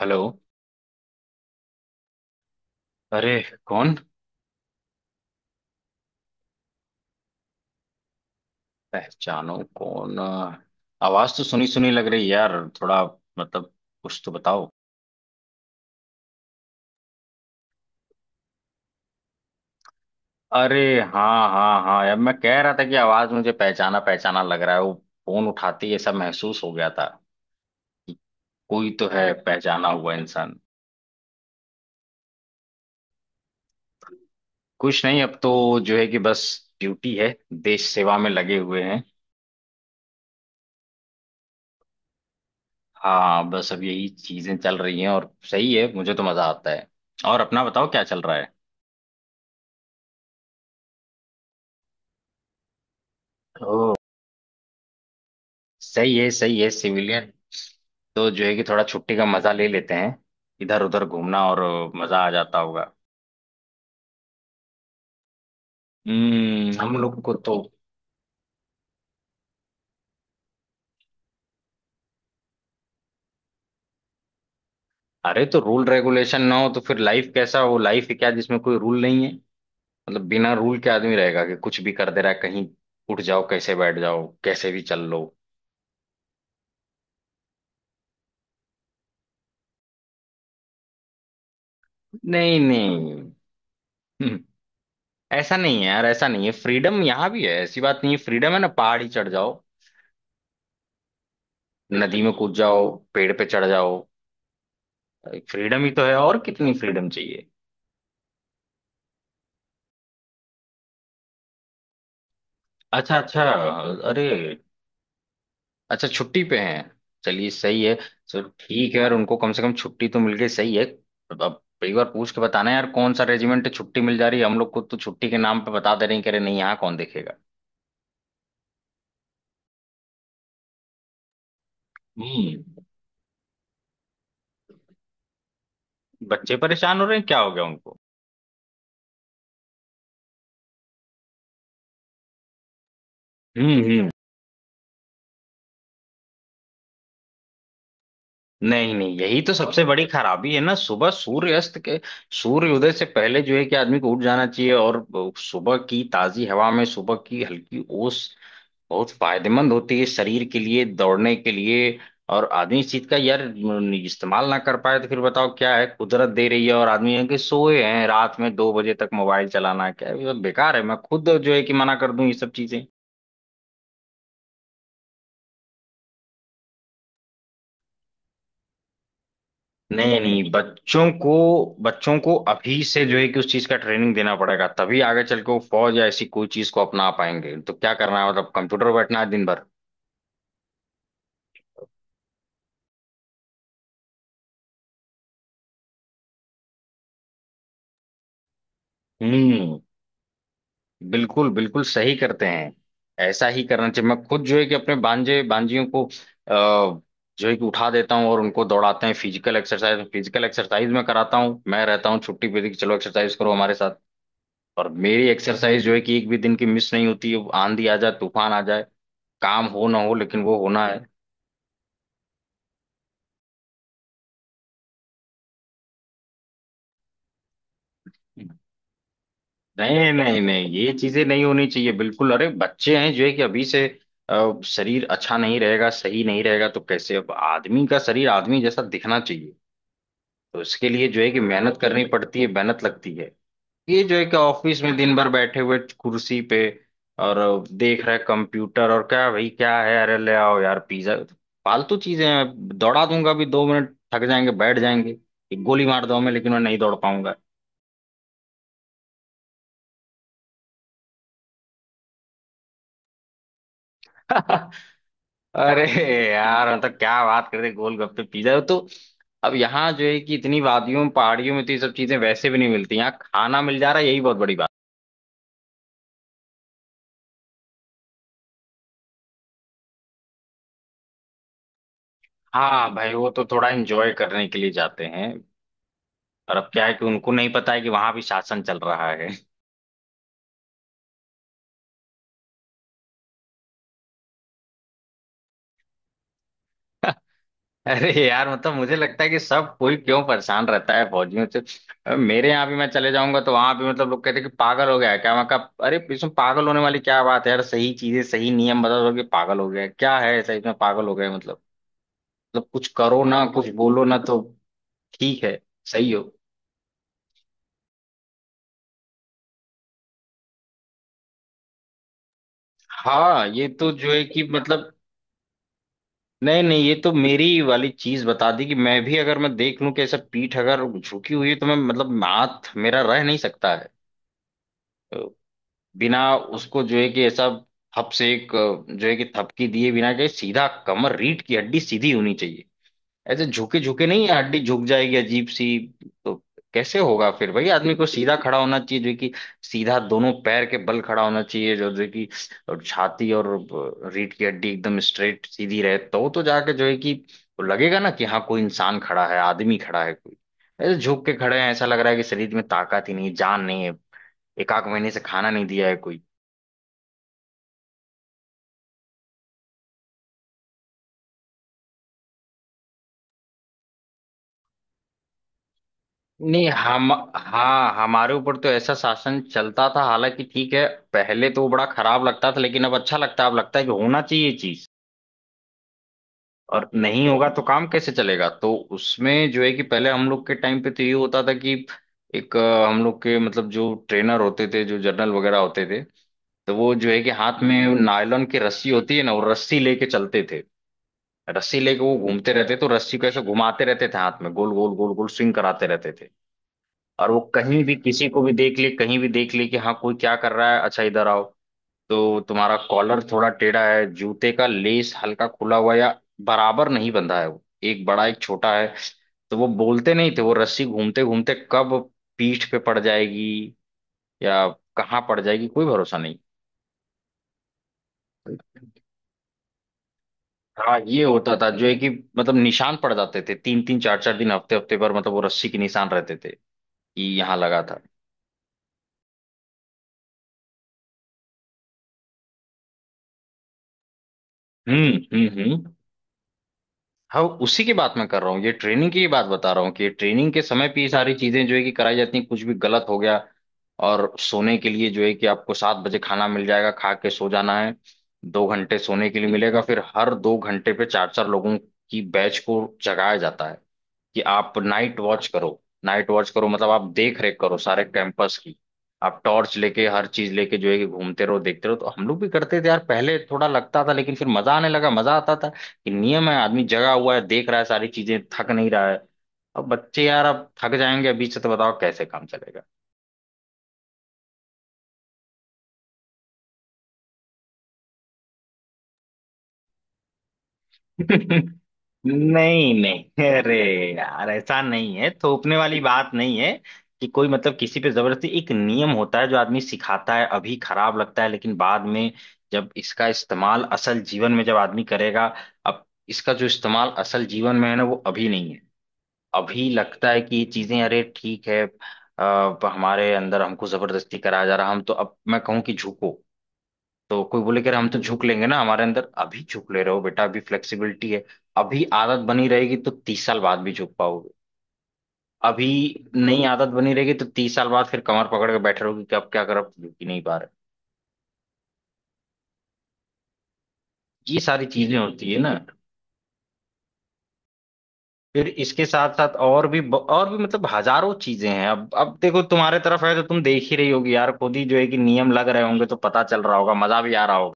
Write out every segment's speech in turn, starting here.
Hello. अरे कौन? पहचानो कौन। आवाज तो सुनी सुनी लग रही है यार। थोड़ा मतलब कुछ तो बताओ। अरे हाँ हाँ हाँ यार, मैं कह रहा था कि आवाज मुझे पहचाना पहचाना लग रहा है वो। फोन उठाते ही ऐसा महसूस हो गया था कि कोई तो है पहचाना हुआ इंसान। कुछ नहीं, अब तो जो है कि बस ड्यूटी है, देश सेवा में लगे हुए हैं। हाँ बस अब यही चीजें चल रही हैं और सही है, मुझे तो मजा आता है। और अपना बताओ क्या चल रहा है। सही है सही है। सिविलियन तो जो है कि थोड़ा छुट्टी का मजा ले लेते हैं, इधर उधर घूमना। और मजा आ जाता होगा। हम्म, हम लोग को तो अरे तो रूल रेगुलेशन ना हो तो फिर लाइफ कैसा हो? लाइफ है क्या जिसमें कोई रूल नहीं है? बिना रूल के आदमी रहेगा कि कुछ भी कर दे रहा है कहीं, उठ जाओ कैसे, बैठ जाओ कैसे भी, चल लो। नहीं नहीं। हम्म, ऐसा नहीं है यार, ऐसा नहीं है। फ्रीडम यहाँ भी है, ऐसी बात नहीं है। फ्रीडम है ना, पहाड़ ही चढ़ जाओ, नदी में कूद जाओ, पेड़ पे चढ़ जाओ। फ्रीडम ही तो है, और कितनी फ्रीडम चाहिए? अच्छा अच्छा। अरे अच्छा, छुट्टी पे हैं। चलिए सही है। चलो ठीक है यार, उनको कम से कम छुट्टी तो मिल गई, सही है। अब एक बार पूछ के बताना यार, कौन सा रेजिमेंट, छुट्टी मिल जा रही है? हम लोग को तो छुट्टी के नाम पे बता दे रहे हैं, कह रहे नहीं यहाँ कौन देखेगा। हम्म। बच्चे परेशान हो रहे हैं, क्या हो गया उनको? हम्म हम्म नहीं नहीं, यही तो सबसे बड़ी खराबी है ना। सुबह सूर्य अस्त के सूर्य उदय से पहले जो है कि आदमी को उठ जाना चाहिए। और सुबह की ताजी हवा में, सुबह की हल्की ओस बहुत फायदेमंद होती है शरीर के लिए, दौड़ने के लिए। और आदमी इस चीज का यार इस्तेमाल ना कर पाए तो फिर बताओ क्या है? कुदरत दे रही है और आदमी है कि सोए हैं, रात में 2 बजे तक मोबाइल चलाना क्या है? ये सब बेकार है। मैं खुद जो है कि मना कर दूं ये सब चीजें। नहीं नहीं, बच्चों को अभी से जो है कि उस चीज का ट्रेनिंग देना पड़ेगा, तभी आगे चल के वो फौज या ऐसी कोई चीज को अपना पाएंगे। तो क्या करना है, कंप्यूटर पर बैठना है दिन भर? हम्म। बिल्कुल बिल्कुल सही करते हैं, ऐसा ही करना चाहिए। मैं खुद जो है कि अपने बांजे बांजियों को जो है कि उठा देता हूँ और उनको दौड़ाते हैं। फिजिकल एक्सरसाइज, फिजिकल एक्सरसाइज में कराता हूँ। मैं रहता हूँ छुट्टी पे कि चलो एक्सरसाइज करो हमारे साथ। और मेरी एक्सरसाइज जो है कि एक भी दिन की मिस नहीं होती है, आंधी आ जाए, तूफान आ जाए, काम हो ना हो, लेकिन वो होना है। नहीं नहीं नहीं ये चीजें नहीं होनी चाहिए बिल्कुल। अरे बच्चे हैं, जो है कि अभी से शरीर अच्छा नहीं रहेगा, सही नहीं रहेगा तो कैसे? अब आदमी का शरीर आदमी जैसा दिखना चाहिए। तो इसके लिए जो है कि मेहनत करनी पड़ती है, मेहनत लगती है। ये जो है कि ऑफिस में दिन भर बैठे हुए कुर्सी पे और देख रहे कंप्यूटर, और क्या भाई, क्या है? अरे ले आओ यार पिज्जा। फालतू चीजें हैं। दौड़ा दूंगा भी 2 मिनट, थक जाएंगे बैठ जाएंगे। एक गोली मार दो हमें, लेकिन मैं नहीं दौड़ पाऊंगा। अरे यार, मतलब क्या बात कर रहे, गोलगप्पे पिज्जा तो अब यहाँ जो है कि इतनी वादियों पहाड़ियों में तो ये सब चीजें वैसे भी नहीं मिलती। यहाँ खाना मिल जा रहा है यही बहुत बड़ी बात। हाँ भाई वो तो थोड़ा एंजॉय करने के लिए जाते हैं। और अब क्या है कि उनको नहीं पता है कि वहां भी शासन चल रहा है। अरे यार, मुझे लगता है कि सब कोई क्यों परेशान रहता है फौजियों से? अब मेरे यहाँ भी मैं चले जाऊंगा तो वहां भी लोग कहते हैं कि पागल हो गया है क्या? मैं कहा अरे इसमें पागल होने वाली क्या बात है यार, सही चीजें सही नियम बता दो कि पागल हो गया है। क्या है ऐसा इसमें पागल हो गए? मतलब, मतलब कुछ करो ना कुछ बोलो ना तो ठीक है, सही हो। हाँ ये तो जो है कि मतलब, नहीं नहीं, ये तो मेरी वाली चीज बता दी कि मैं भी अगर मैं देख लूं कि ऐसा पीठ अगर झुकी हुई है तो मैं हाथ मेरा रह नहीं सकता है। तो बिना उसको जो है कि ऐसा हप से एक जो है कि थपकी दिए बिना के सीधा कमर, रीढ़ की हड्डी सीधी होनी चाहिए। ऐसे झुके झुके नहीं है, हड्डी झुक जाएगी अजीब सी। तो कैसे होगा फिर भाई? आदमी को सीधा खड़ा होना चाहिए जो कि सीधा दोनों पैर के बल खड़ा होना चाहिए, जो जो कि और छाती और रीढ़ की हड्डी एकदम स्ट्रेट सीधी रहे, तो जाके जो है कि लगेगा ना कि हाँ कोई इंसान खड़ा है, आदमी खड़ा है कोई। ऐसे झुक के खड़े हैं, ऐसा लग रहा है कि शरीर में ताकत ही नहीं, जान नहीं है, एक आध महीने से खाना नहीं दिया है कोई। नहीं, हम, हाँ हमारे ऊपर तो ऐसा शासन चलता था हालांकि, ठीक है पहले तो वो बड़ा खराब लगता था, लेकिन अब अच्छा लगता है। अब लगता है कि होना चाहिए चीज, और नहीं होगा तो काम कैसे चलेगा। तो उसमें जो है कि पहले हम लोग के टाइम पे तो ये होता था कि एक हम लोग के मतलब जो ट्रेनर होते थे, जो जर्नल वगैरह होते थे, तो वो जो है कि हाथ में नायलॉन की रस्सी होती है ना, वो रस्सी लेके चलते थे। रस्सी लेके वो घूमते रहते, तो रस्सी को ऐसे घुमाते रहते थे हाथ में, गोल गोल गोल गोल स्विंग कराते रहते थे। और वो कहीं भी किसी को भी देख ले, कहीं भी देख ले कि हाँ कोई क्या कर रहा है, अच्छा इधर आओ, तो तुम्हारा कॉलर थोड़ा टेढ़ा है, जूते का लेस हल्का खुला हुआ, या बराबर नहीं बंधा है वो, एक बड़ा एक छोटा है। तो वो बोलते नहीं थे, वो रस्सी घूमते घूमते कब पीठ पे पड़ जाएगी या कहाँ पड़ जाएगी कोई भरोसा नहीं। हाँ ये होता था जो है कि मतलब, निशान पड़ जाते थे 3-3 4-4 दिन, हफ्ते हफ्ते पर मतलब वो रस्सी के निशान रहते थे कि यहाँ लगा था। हम्म हम्म हम्म हाँ उसी की बात मैं कर रहा हूँ, ये ट्रेनिंग की बात बता रहा हूँ कि ट्रेनिंग के समय पे ये सारी चीजें जो है कि कराई जाती हैं, कुछ भी गलत हो गया। और सोने के लिए जो है कि आपको 7 बजे खाना मिल जाएगा, खा के सो जाना है, 2 घंटे सोने के लिए मिलेगा, फिर हर 2 घंटे पे 4-4 लोगों की बैच को जगाया जाता है कि आप नाइट वॉच करो, नाइट वॉच करो मतलब आप देख रेख करो सारे कैंपस की। आप टॉर्च लेके हर चीज लेके जो है कि घूमते रहो देखते रहो। तो हम लोग भी करते थे यार, पहले थोड़ा लगता था लेकिन फिर मजा आने लगा। मजा आता था कि नियम है, आदमी जगा हुआ है, देख रहा है सारी चीजें, थक नहीं रहा है। अब बच्चे यार, अब थक जाएंगे बीच से तो बताओ कैसे काम चलेगा? नहीं नहीं, अरे यार ऐसा नहीं है, थोपने वाली बात नहीं है कि कोई किसी पे जबरदस्ती। एक नियम होता है जो आदमी सिखाता है, अभी खराब लगता है, लेकिन बाद में जब इसका इस्तेमाल असल जीवन में जब आदमी करेगा। अब इसका जो इस्तेमाल असल जीवन में है ना, वो अभी नहीं है। अभी लगता है कि ये चीजें अरे ठीक है हमारे अंदर हमको जबरदस्ती कराया जा रहा। हम तो अब मैं कहूँ कि झुको, तो कोई बोले कि अरे हम तो झुक लेंगे ना। हमारे अंदर अभी झुक ले रहे हो बेटा, अभी फ्लेक्सिबिलिटी है, अभी आदत बनी रहेगी तो 30 साल बाद भी झुक पाओगे। अभी नई आदत बनी रहेगी तो तीस साल बाद फिर कमर पकड़ के बैठे रहोगे कि अब क्या करो, अब तो झुक ही नहीं पा रहे। ये सारी चीजें होती है ना। फिर इसके साथ साथ और भी और भी मतलब हजारों चीजें हैं। अब देखो तुम्हारे तरफ है, तो तुम देख ही रही होगी यार, खुद ही जो है कि नियम लग रहे होंगे तो पता चल रहा होगा, मजा भी आ रहा होगा।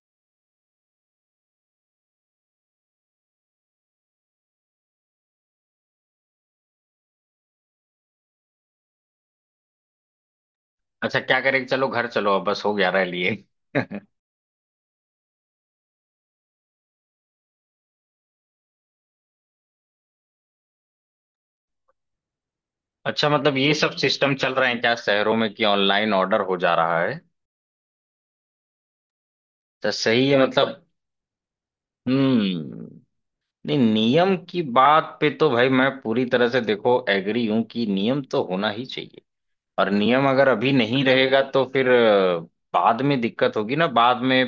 अच्छा, क्या करें, चलो घर चलो, अब बस हो गया रह लिए। अच्छा, ये सब सिस्टम चल रहे हैं क्या शहरों में कि ऑनलाइन ऑर्डर हो जा रहा है? तो सही है मतलब। हम्म। नहीं, नियम की बात पे तो भाई मैं पूरी तरह से देखो एग्री हूं कि नियम तो होना ही चाहिए। और नियम अगर अभी नहीं रहेगा तो फिर बाद में दिक्कत होगी ना बाद में।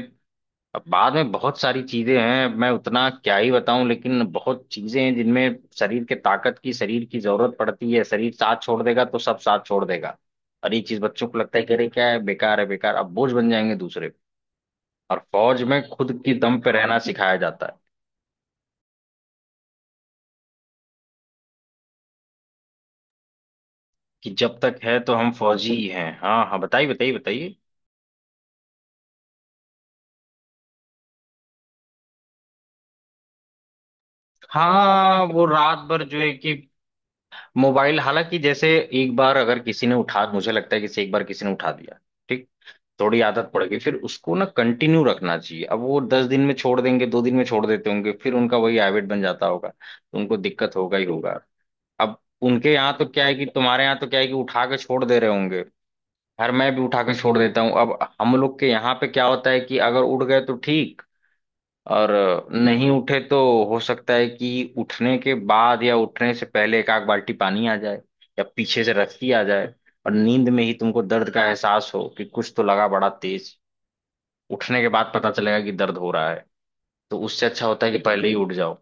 अब बाद में बहुत सारी चीजें हैं, मैं उतना क्या ही बताऊं, लेकिन बहुत चीजें हैं जिनमें शरीर के ताकत की, शरीर की जरूरत पड़ती है। शरीर साथ छोड़ देगा तो सब साथ छोड़ देगा। और ये चीज बच्चों को लगता है कि अरे क्या है, बेकार है बेकार। अब बोझ बन जाएंगे दूसरे पे। और फौज में खुद की दम पे रहना सिखाया जाता है कि जब तक है तो हम फौजी ही हैं। हाँ हाँ बताइए बताइए बताइए। हाँ वो रात भर जो है कि मोबाइल, हालांकि जैसे एक बार अगर किसी ने उठा, मुझे लगता है कि जैसे एक बार किसी ने उठा दिया, ठीक? थोड़ी आदत पड़ गई, फिर उसको ना कंटिन्यू रखना चाहिए। अब वो 10 दिन में छोड़ देंगे, 2 दिन में छोड़ देते होंगे, फिर उनका वही हैबिट बन जाता होगा, तो उनको दिक्कत होगा ही होगा। अब उनके यहाँ तो क्या है कि, तुम्हारे यहाँ तो क्या है कि उठा के छोड़ दे रहे होंगे। खैर, मैं भी उठा के छोड़ देता हूँ। अब हम लोग के यहाँ पे क्या होता है कि अगर उठ गए तो ठीक, और नहीं उठे तो हो सकता है कि उठने के बाद या उठने से पहले एक आध बाल्टी पानी आ जाए, या पीछे से रस्सी आ जाए, और नींद में ही तुमको दर्द का एहसास हो कि कुछ तो लगा बड़ा तेज। उठने के बाद पता चलेगा कि दर्द हो रहा है। तो उससे अच्छा होता है कि पहले ही उठ जाओ।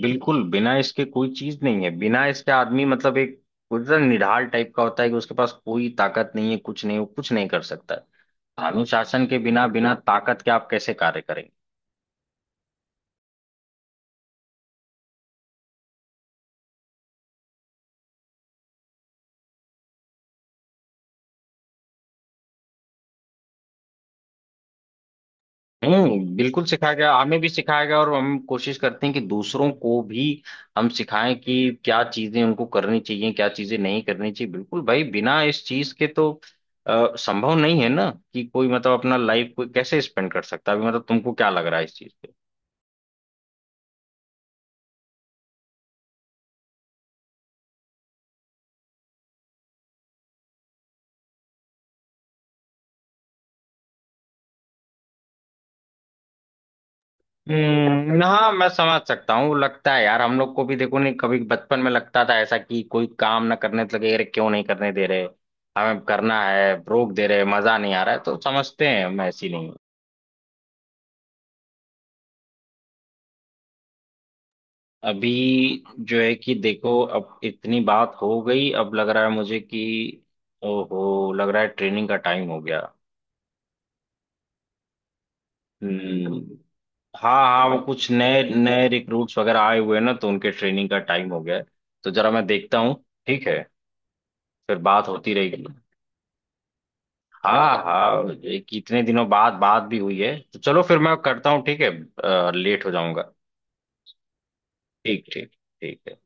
बिल्कुल, बिना इसके कोई चीज नहीं है। बिना इसके आदमी एक पूरा निढाल टाइप का होता है कि उसके पास कोई ताकत नहीं है, कुछ नहीं, वो कुछ नहीं कर सकता है। अनुशासन के बिना, बिना ताकत के आप कैसे कार्य करेंगे? हम्म, बिल्कुल सिखाया गया, हमें भी सिखाया गया, और हम कोशिश करते हैं कि दूसरों को भी हम सिखाएं कि क्या चीजें उनको करनी चाहिए, क्या चीजें नहीं करनी चाहिए। बिल्कुल भाई, बिना इस चीज के तो संभव नहीं है ना कि कोई अपना लाइफ कोई कैसे स्पेंड कर सकता है? अभी तुमको क्या लग रहा है इस चीज पे? हाँ, मैं समझ सकता हूँ, लगता है यार हम लोग को भी देखो नहीं, कभी बचपन में लगता था ऐसा कि कोई काम ना करने तो लगे अरे क्यों नहीं करने दे रहे, हमें करना है, रोक दे रहे, मजा नहीं आ रहा है। तो समझते हैं हम, ऐसी नहीं। अभी जो है कि देखो अब इतनी बात हो गई, अब लग रहा है मुझे कि ओहो, लग रहा है ट्रेनिंग का टाइम हो गया। हम्म हाँ हाँ, वो कुछ नए नए रिक्रूट्स वगैरह आए हुए हैं ना, तो उनके ट्रेनिंग का टाइम हो गया है, तो जरा मैं देखता हूँ। ठीक है, फिर बात होती रहेगी। हाँ हाँ, एक इतने दिनों बाद बात भी हुई है, तो चलो फिर मैं करता हूँ, ठीक है, लेट हो जाऊंगा। ठीक ठीक, ठीक है।